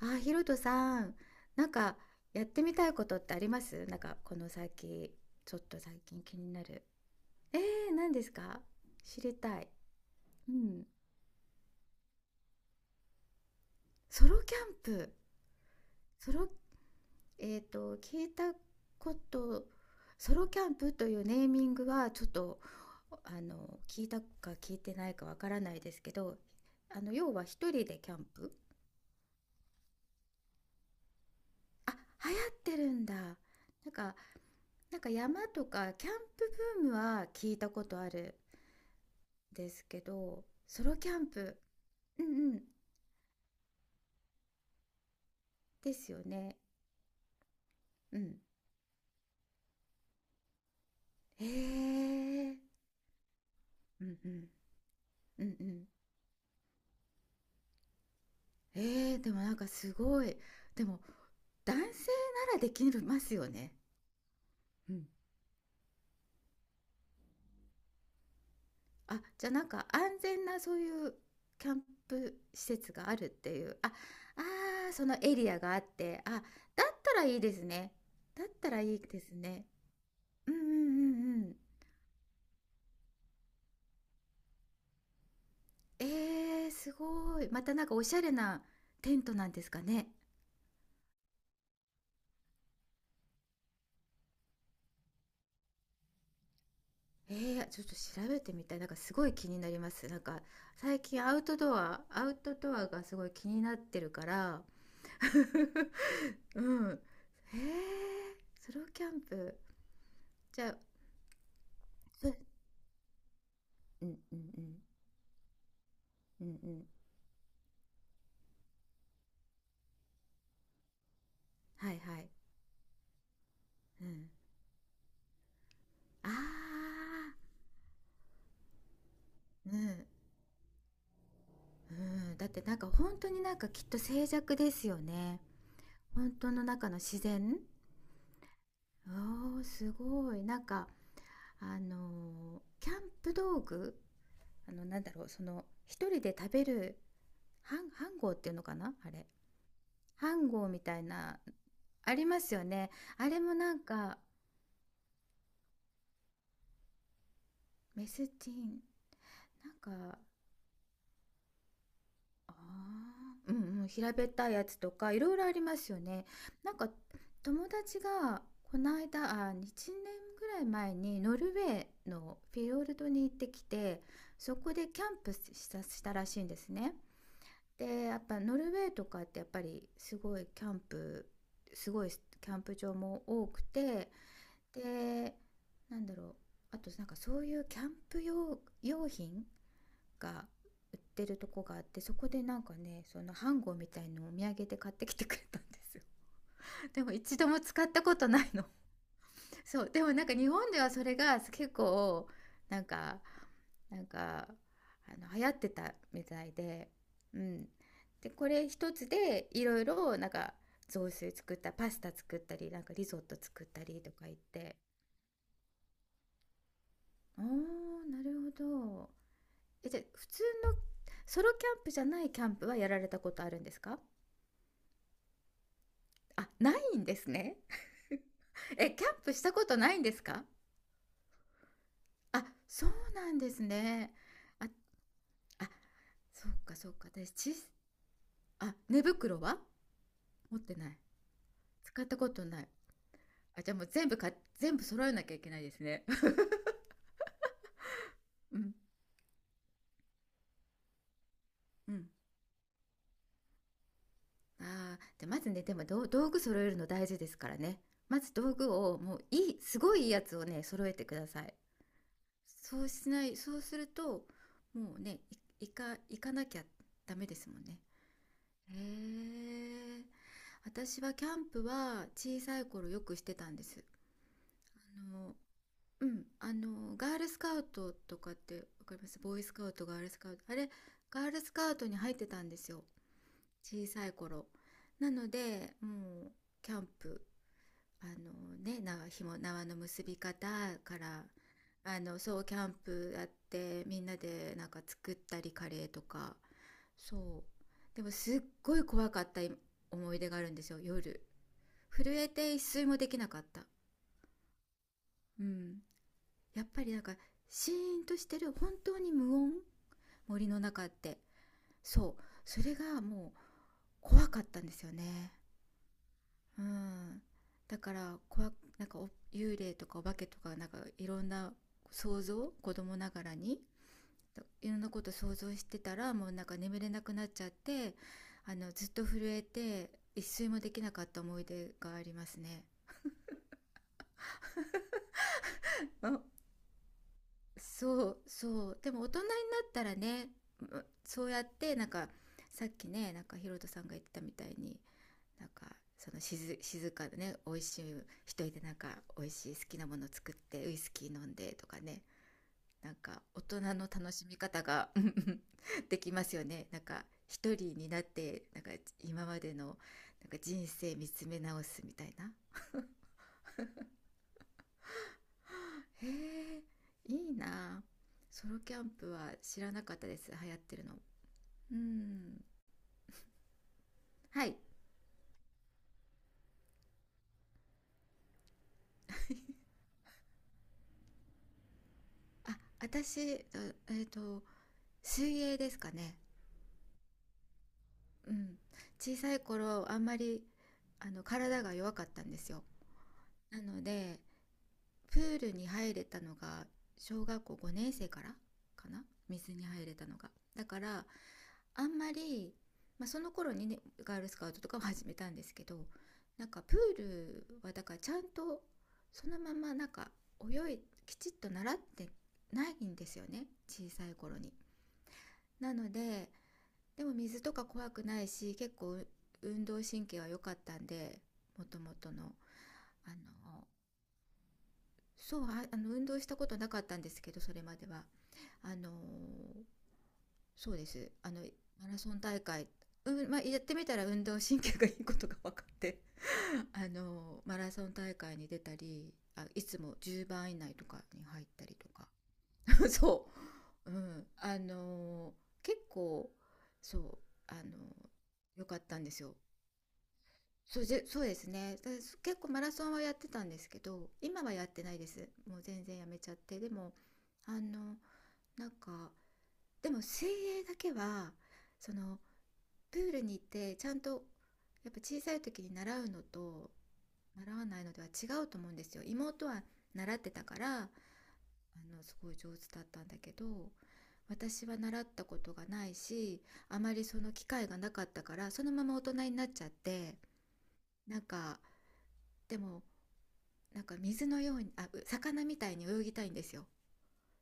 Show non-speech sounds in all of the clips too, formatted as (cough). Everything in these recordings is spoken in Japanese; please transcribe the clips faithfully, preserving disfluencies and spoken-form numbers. あ、ひろとさん、なんかやってみたいことってありますなんかこの先、ちょっと最近気になる。えー、何ですか？知りたい。うん。ソロキャンプ。ソロ、えっと、聞いたこと、ソロキャンプというネーミングはちょっと、あの、聞いたか聞いてないかわからないですけど、あの、要は一人でキャンプ。あ、流行ってるんだ。なんか、なんか山とかキャンプブームは聞いたことある。ですけど、ソロキャンプ、うんうん、ですよね。うん。へえ、うんうん、うんうん。えー、でもなんかすごい。でも、男性ならできますよね。うん。あ、じゃあなんか安全なそういうキャンプ施設があるっていう。あ、あー、そのエリアがあって、あ、だったらいいですね。だったらいいですね。うんうんうんうん。えー、すごい。またなんかおしゃれなテントなんですかね。えー、ちょっと調べてみたい。なんかすごい気になります。なんか最近アウトドア、アウトドアがすごい気になってるから。(laughs) うん。えー、ソロキャンプ。じゃあ、そうんうんうんうんうん。はいはい。うん。あー、うん。うん。だってなんか本当になんかきっと静寂ですよね。本当の中の自然。おーすごいなんかあのーキャンプ道具、あのなんだろう、その一人で食べるハンハンゴーっていうのかなあれ、ハンゴーみたいなありますよね。あれもなんかメスチンなんか、ああ、うんうん、平べったいやつとか、いろいろありますよね。なんか、友達が、こないだ、あ、いちねんぐらい前に、ノルウェーのフィヨルドに行ってきて、そこでキャンプしたしたらしいんですね。で、やっぱノルウェーとかってやっぱりすごいキャンプ、すごいキャンプ場も多くて、で、なんだろう、あとなんかそういうキャンプ用、用品が売ってるとこがあって、そこでなんかねそのハンゴみたいのをお土産で買ってきてくれたんですよ。 (laughs) でも一度も使ったことないの。 (laughs) そうでもなんか日本ではそれが結構なんか、なんかあの流行ってたみたいで、うんで、これ一つでいろいろなんか雑炊作った、パスタ作ったり、なんかリゾット作ったりとか言って、あーなるほど。え、じゃあ普通のソロキャンプじゃないキャンプはやられたことあるんですか？あ、ないんですね。え、キャンプしたことないんですか？あ、そうなんですね。ああ、そうかそうか。私ち、あ、寝袋は？持ってない。使ったことない。あ、じゃあもう全部か全部揃えなきゃいけないですね。(laughs) うん、うん。ああ、じゃあまずね、でもどう道具揃えるの大事ですからね。まず道具をもういい、すごいいいやつをね、揃えてください。そうしないそうすると、もうね、い行か行かなきゃダメですもんね。へえ。私はキャンプは小さい頃よくしてたんです。あの、うん、あの、ガールスカウトとかってわかります？ボーイスカウト、ガールスカウト。あれ、ガールスカウトに入ってたんですよ。小さい頃。なので、もう、キャンプ、あのね、縄、紐、縄の結び方から、あの、そう、キャンプやって、みんなでなんか作ったり、カレーとか、そう。でも、すっごい怖かった思い出があるんですよ、夜。震えて一睡もできなかった。うん。やっぱりなんか、シーンとしてる、本当に無音、森の中って。そう。それがもう怖かったんですよね。うん。だから、怖なんか幽霊とかお化けとか、なんかいろんな想像、子供ながらに、いろんなこと想像してたら、もうなんか眠れなくなっちゃって、あの、ずっと震えて、一睡もできなかった思い出がありますね。あ、そうそう、でも大人になったらね、う、そうやってなんかさっきねなんかヒロトさんが言ってたみたいに、なんかその静、静かでね、美味しい一人でなんか美味しい好きなもの作ってウイスキー飲んでとかね、なんか大人の楽しみ方が。 (laughs) うんうん、できますよねなんか一人になって、なんか今までのなんか人生見つめ直すみたいな。へえ、いいな。ソロキャンプは知らなかったです、流行ってるの。うん、はい。 (laughs) あ、私あえっ、と水泳ですかね。うん、小さい頃あんまりあの体が弱かったんですよ。なので、プールに入れたのが小学校ごねん生からかな、水に入れたのが。だからあんまり、まあ、その頃にねガールスカウトとかも始めたんですけど、なんかプールはだからちゃんとそのままなんか泳いきちっと習ってないんですよね、小さい頃に。なので、でも水とか怖くないし、結構運動神経は良かったんで、もともとの。あのそう、あ、あの運動したことなかったんですけど、それまでは。あのーそうです。あの、マラソン大会、うん、まあ、やってみたら運動神経がいいことが分かって、(laughs) あのマラソン大会に出たり、あ、いつもじゅうばん以内とかに入ったりとか。 (laughs)。そう。うん。あの結構、そう、あの良かったんですよ。そうじゃ、そうですね。だ結構マラソンはやってたんですけど、今はやってないです。もう全然やめちゃって。でも、あのなんか、でも水泳だけはその、プールに行ってちゃんと、やっぱ小さい時に習うのと習わないのでは違うと思うんですよ。妹は習ってたからあのすごい上手だったんだけど、私は習ったことがないし、あまりその機会がなかったからそのまま大人になっちゃって、なんか、でもなんか水のように、あ魚みたいに泳ぎたいんですよ。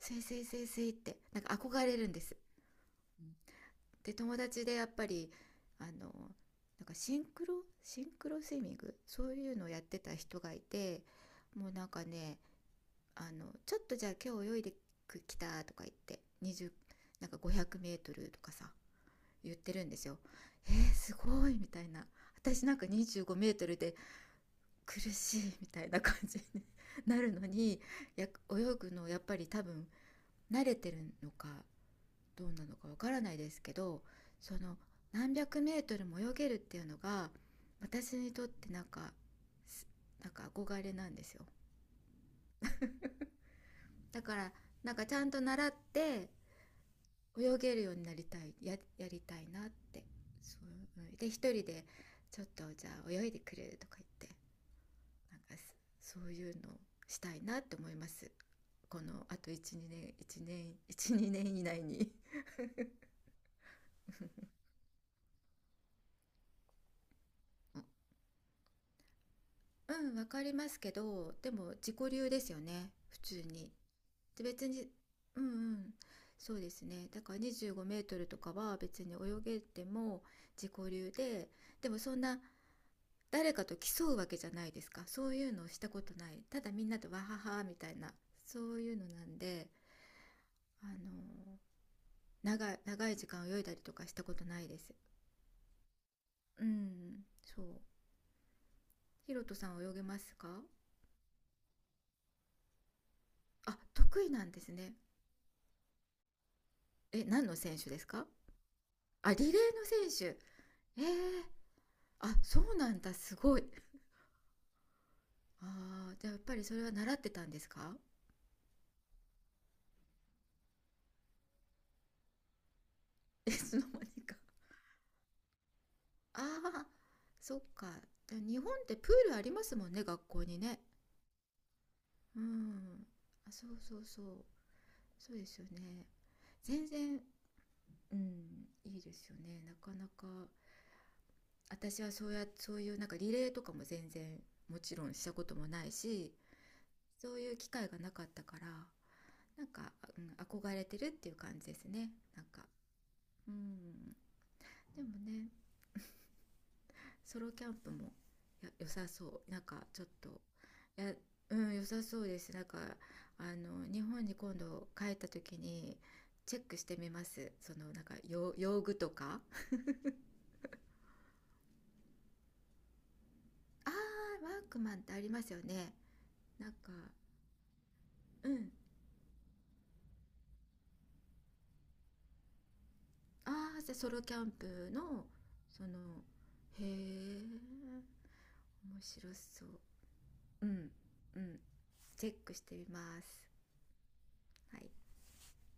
スイスイスイスイってなんか憧れるんです。うん、で友達でやっぱりあのなんかシンクロシンクロスイミング、そういうのをやってた人がいて、もうなんかね、あのちょっとじゃあ今日泳いできたとか言ってにじゅうなんかご ぜろ ぜろルとかさ言ってるんですよ。えー、すごいみたいな。私なんかに ごルで苦しいみたいな感じになるのに、や泳ぐのやっぱり多分慣れてるのかどうなのかわからないですけど、その何百メートルも泳げるっていうのが私にとってなんか、なんか憧れなんですよ。だからなんかちゃんと習って泳げるようになりたいや、やりたいなって。そうで一人でちょっとじゃあ泳いでくれるとか言って、なんかそういうのをしたいなって思います、このあとじゅうにねんいちねんじゅうにねん以内に。うん、わかりますけど、でも自己流ですよね、普通に。で、別に、うんうん、そうですね。だからにじゅうごメートルとかは別に泳げても自己流で、でもそんな誰かと競うわけじゃないですか。そういうのをしたことない、ただみんなとわははみたいな、そういうのなんで、あの長い、長い時間泳いだりとかしたことないです。うん、そう。ヒロトさんは泳げますか？あ、得意なんですね。え、何の選手ですか？あ、リレーの選手。えー、あ、そうなんだ、すごい。ああ、じゃあやっぱりそれは習ってたんですか？いつ (laughs) の間にか。ああ、そっか。じゃあ日本ってプールありますもんね、学校にね。うん。あ、そうそうそう。そうですよね。全然、うん、いいですよね。なかなか。私はそうや、そういうなんかリレーとかも全然もちろんしたこともないし、そういう機会がなかったから、なんか、うん、憧れてるっていう感じですね。なんか、うん、でもねソロキャンプも良さそう、なんかちょっと、いや、うん良さそうです、なんかあの日本に今度帰った時にチェックしてみます、そのなんか用用具とか。あー、ワークマンってありますよね、なんか、うん。ああじゃあソロキャンプの、その、へえ面白そう。うんうん、チェックしてみます。はい。